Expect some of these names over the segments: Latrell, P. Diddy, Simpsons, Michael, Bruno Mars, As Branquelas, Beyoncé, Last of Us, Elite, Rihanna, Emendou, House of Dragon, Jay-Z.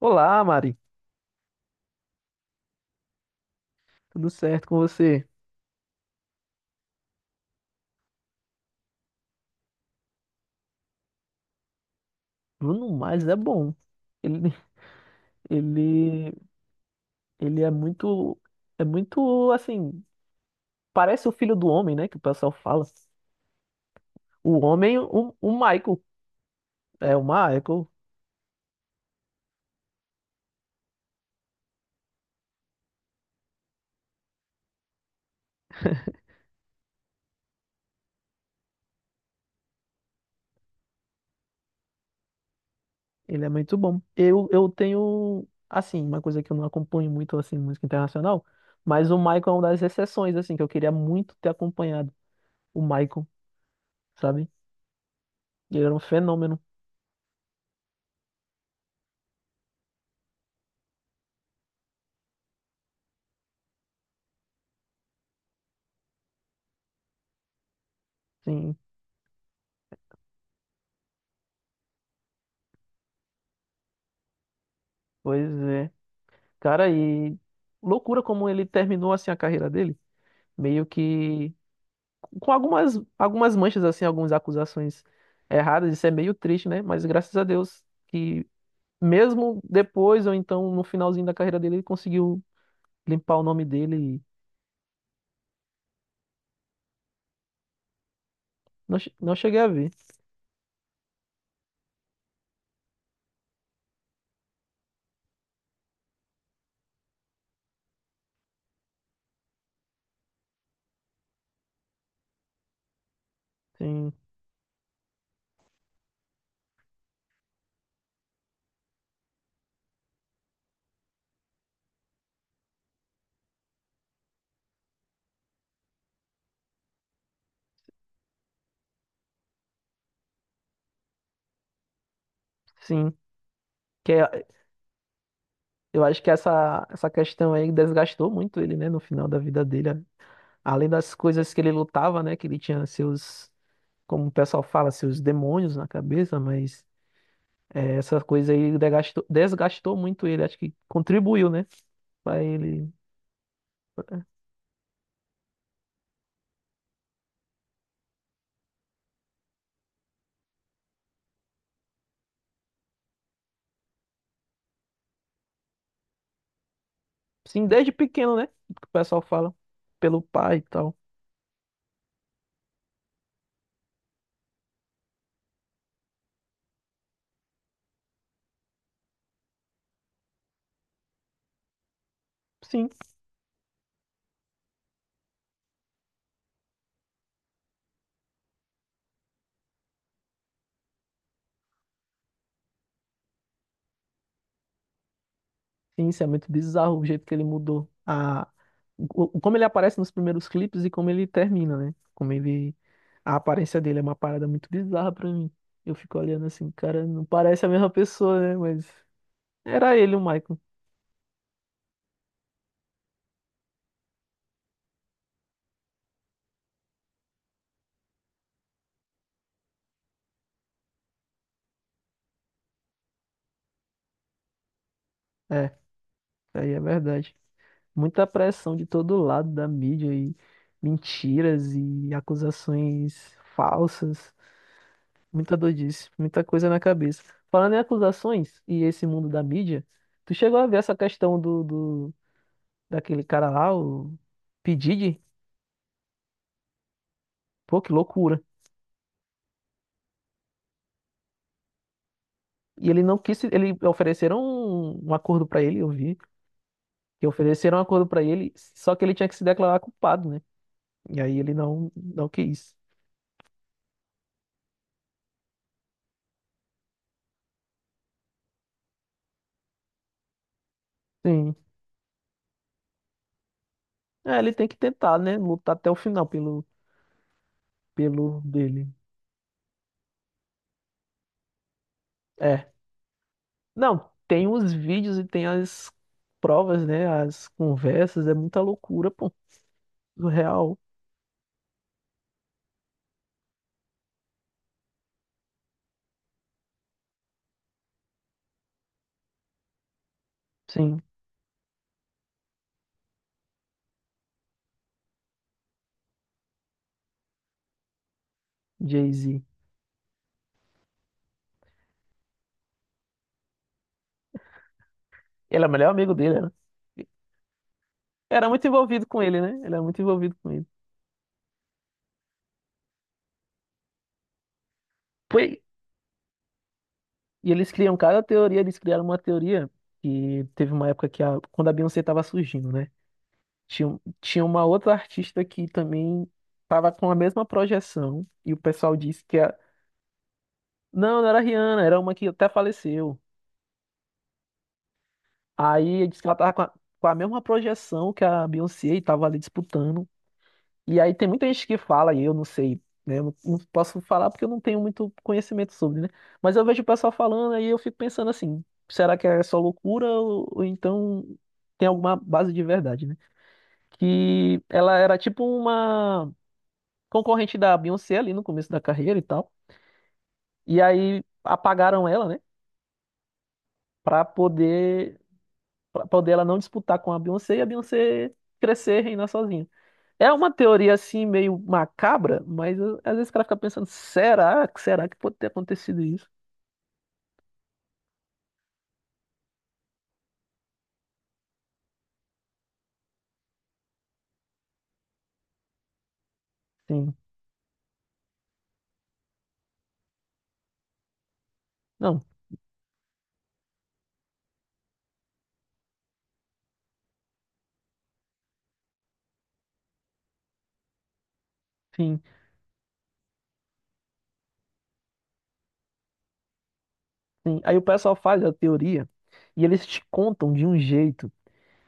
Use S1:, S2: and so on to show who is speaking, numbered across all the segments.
S1: Olá, Mari. Tudo certo com você? Bruno Mars é bom. Ele, ele, ele é muito assim. Parece o filho do homem, né? Que o pessoal fala. O homem, o Michael. É o Michael. Ele é muito bom. Eu tenho, assim, uma coisa que eu não acompanho muito, assim, música internacional. Mas o Michael é uma das exceções, assim, que eu queria muito ter acompanhado. O Michael, sabe? Ele era um fenômeno. Sim, pois é. Cara, e loucura como ele terminou assim a carreira dele, meio que com algumas manchas assim, algumas acusações erradas, isso é meio triste, né? Mas graças a Deus que mesmo depois ou então no finalzinho da carreira dele, ele conseguiu limpar o nome dele e não, não cheguei a ver. Sim, sim. Que é- eu acho que essa questão aí desgastou muito ele, né, no final da vida dele. Além das coisas que ele lutava, né? Que ele tinha seus, como o pessoal fala, seus demônios na cabeça, mas é, essa coisa aí desgastou, desgastou muito ele. Acho que contribuiu, né? Pra ele. Sim, desde pequeno, né? O que o pessoal fala. Pelo pai e tal. Sim. Sim, isso é muito bizarro o jeito que ele mudou. A... o- Como ele aparece nos primeiros clipes e como ele termina, né? Como ele. A aparência dele é uma parada muito bizarra pra mim. Eu fico olhando assim, cara, não parece a mesma pessoa, né? Mas. Era ele, o Michael. É, isso aí é verdade. Muita pressão de todo lado da mídia e mentiras e acusações falsas. Muita doidice, muita coisa na cabeça. Falando em acusações e esse mundo da mídia, tu chegou a ver essa questão do daquele cara lá, o P. Diddy? Pô, que loucura. E ele não quis, ele ofereceram um acordo pra ele, eu vi, que ofereceram um acordo pra ele, só que ele tinha que se declarar culpado, né? E aí ele não quis. Sim. É, ele tem que tentar, né? Lutar até o final pelo, pelo dele. É. Não, tem os vídeos e tem as provas, né? As conversas. É muita loucura, pô. Surreal. Sim, Jay-Z. Ele é o melhor amigo dele, né? Era muito envolvido com ele, né? Ele era muito envolvido com ele. Foi. E eles criam cada teoria, eles criaram uma teoria que teve uma época que a, quando a Beyoncé tava surgindo, né? Tinha, tinha uma outra artista que também tava com a mesma projeção e o pessoal disse que a, não, não era a Rihanna, era uma que até faleceu. Aí disse que ela tava com a mesma projeção que a Beyoncé e tava ali disputando. E aí tem muita gente que fala, e eu não sei, né? Eu não, não posso falar porque eu não tenho muito conhecimento sobre, né? Mas eu vejo o pessoal falando aí eu fico pensando assim, será que é só loucura ou então tem alguma base de verdade, né? Que ela era tipo uma concorrente da Beyoncé ali no começo da carreira e tal. E aí apagaram ela, né? Pra poder pra poder ela não disputar com a Beyoncé e a Beyoncé crescer e reinar sozinha. É uma teoria assim meio macabra, mas às vezes o cara fica pensando, será que pode ter acontecido isso? Sim. Não, sim, sim. Aí o pessoal faz a teoria e eles te contam de um jeito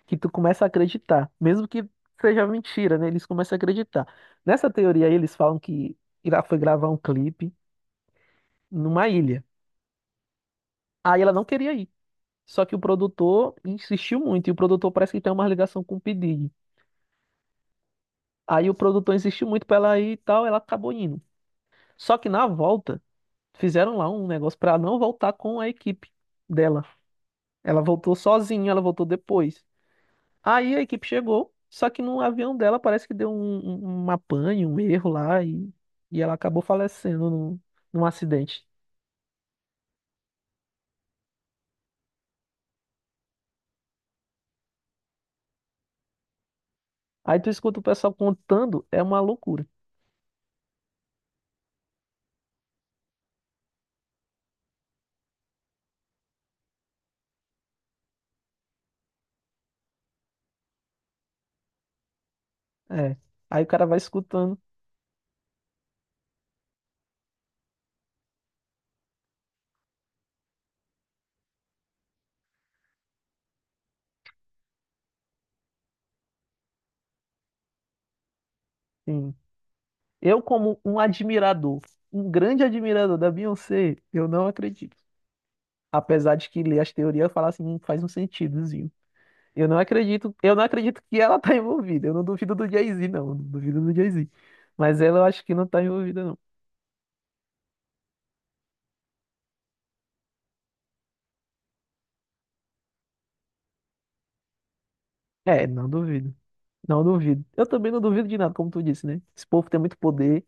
S1: que tu começa a acreditar, mesmo que seja mentira, né? Eles começam a acreditar. Nessa teoria aí, eles falam que ela foi gravar um clipe numa ilha. Aí ela não queria ir. Só que o produtor insistiu muito, e o produtor parece que tem uma ligação com o P. Diddy. Aí o produtor insistiu muito pra ela ir e tal, ela acabou indo. Só que na volta, fizeram lá um negócio pra não voltar com a equipe dela. Ela voltou sozinha, ela voltou depois. Aí a equipe chegou, só que no avião dela parece que deu um apanho, um erro lá e ela acabou falecendo num, num acidente. Aí tu escuta o pessoal contando, é uma loucura. É. Aí o cara vai escutando. Sim. Eu, como um admirador, um grande admirador da Beyoncé, eu não acredito. Apesar de que ler as teorias falar assim, faz um sentidozinho. Eu não acredito que ela tá envolvida. Eu não duvido do Jay-Z, não. Não duvido do Jay-Z. Mas ela eu acho que não tá envolvida, não. É, não duvido. Não duvido. Eu também não duvido de nada, como tu disse, né? Esse povo tem muito poder.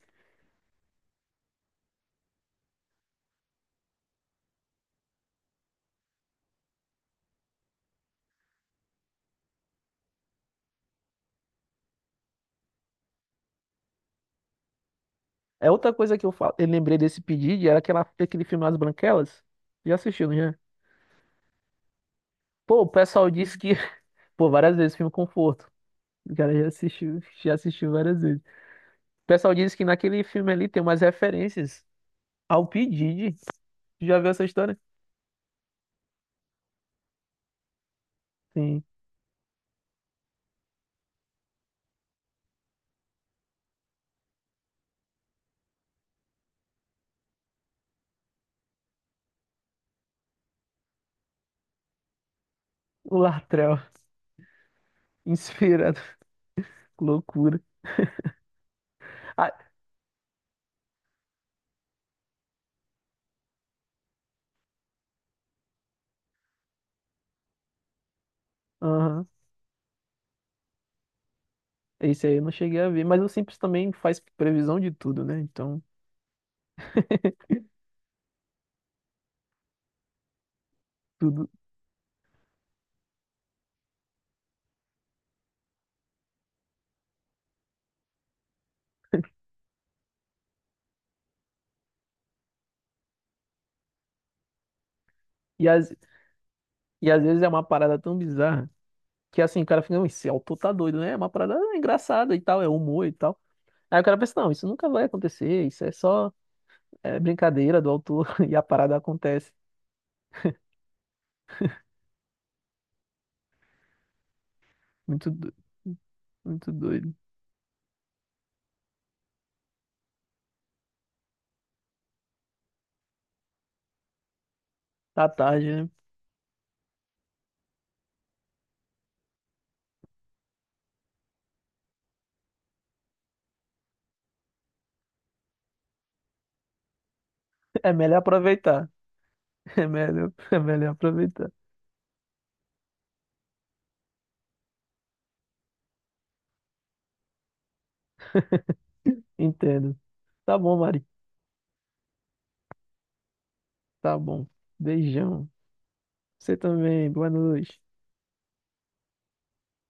S1: É outra coisa que falo, eu lembrei desse pedido, era aquela, aquele filme As Branquelas. Já assistiu, não já? Pô, o pessoal disse que. Pô, várias vezes, filme Conforto. O cara já assistiu várias vezes. O pessoal disse que naquele filme ali tem umas referências ao P. Já viu essa história? Sim. O Latrell. Inspirado. Loucura. Ah, aham. Esse aí eu não cheguei a ver. Mas o Simpsons também faz previsão de tudo, né? Então, tudo. E, às e às vezes é uma parada tão bizarra que assim, o cara fica, "Não, esse autor tá doido, né? É uma parada engraçada e tal, é humor e tal. Aí o cara pensa, não, isso nunca vai acontecer, isso é só é, brincadeira do autor e a parada acontece. Muito, do- muito doido. Tá tarde, né? É melhor aproveitar. É melhor aproveitar. Entendo. Tá bom, Mari. Tá bom. Beijão. Você também. Boa noite.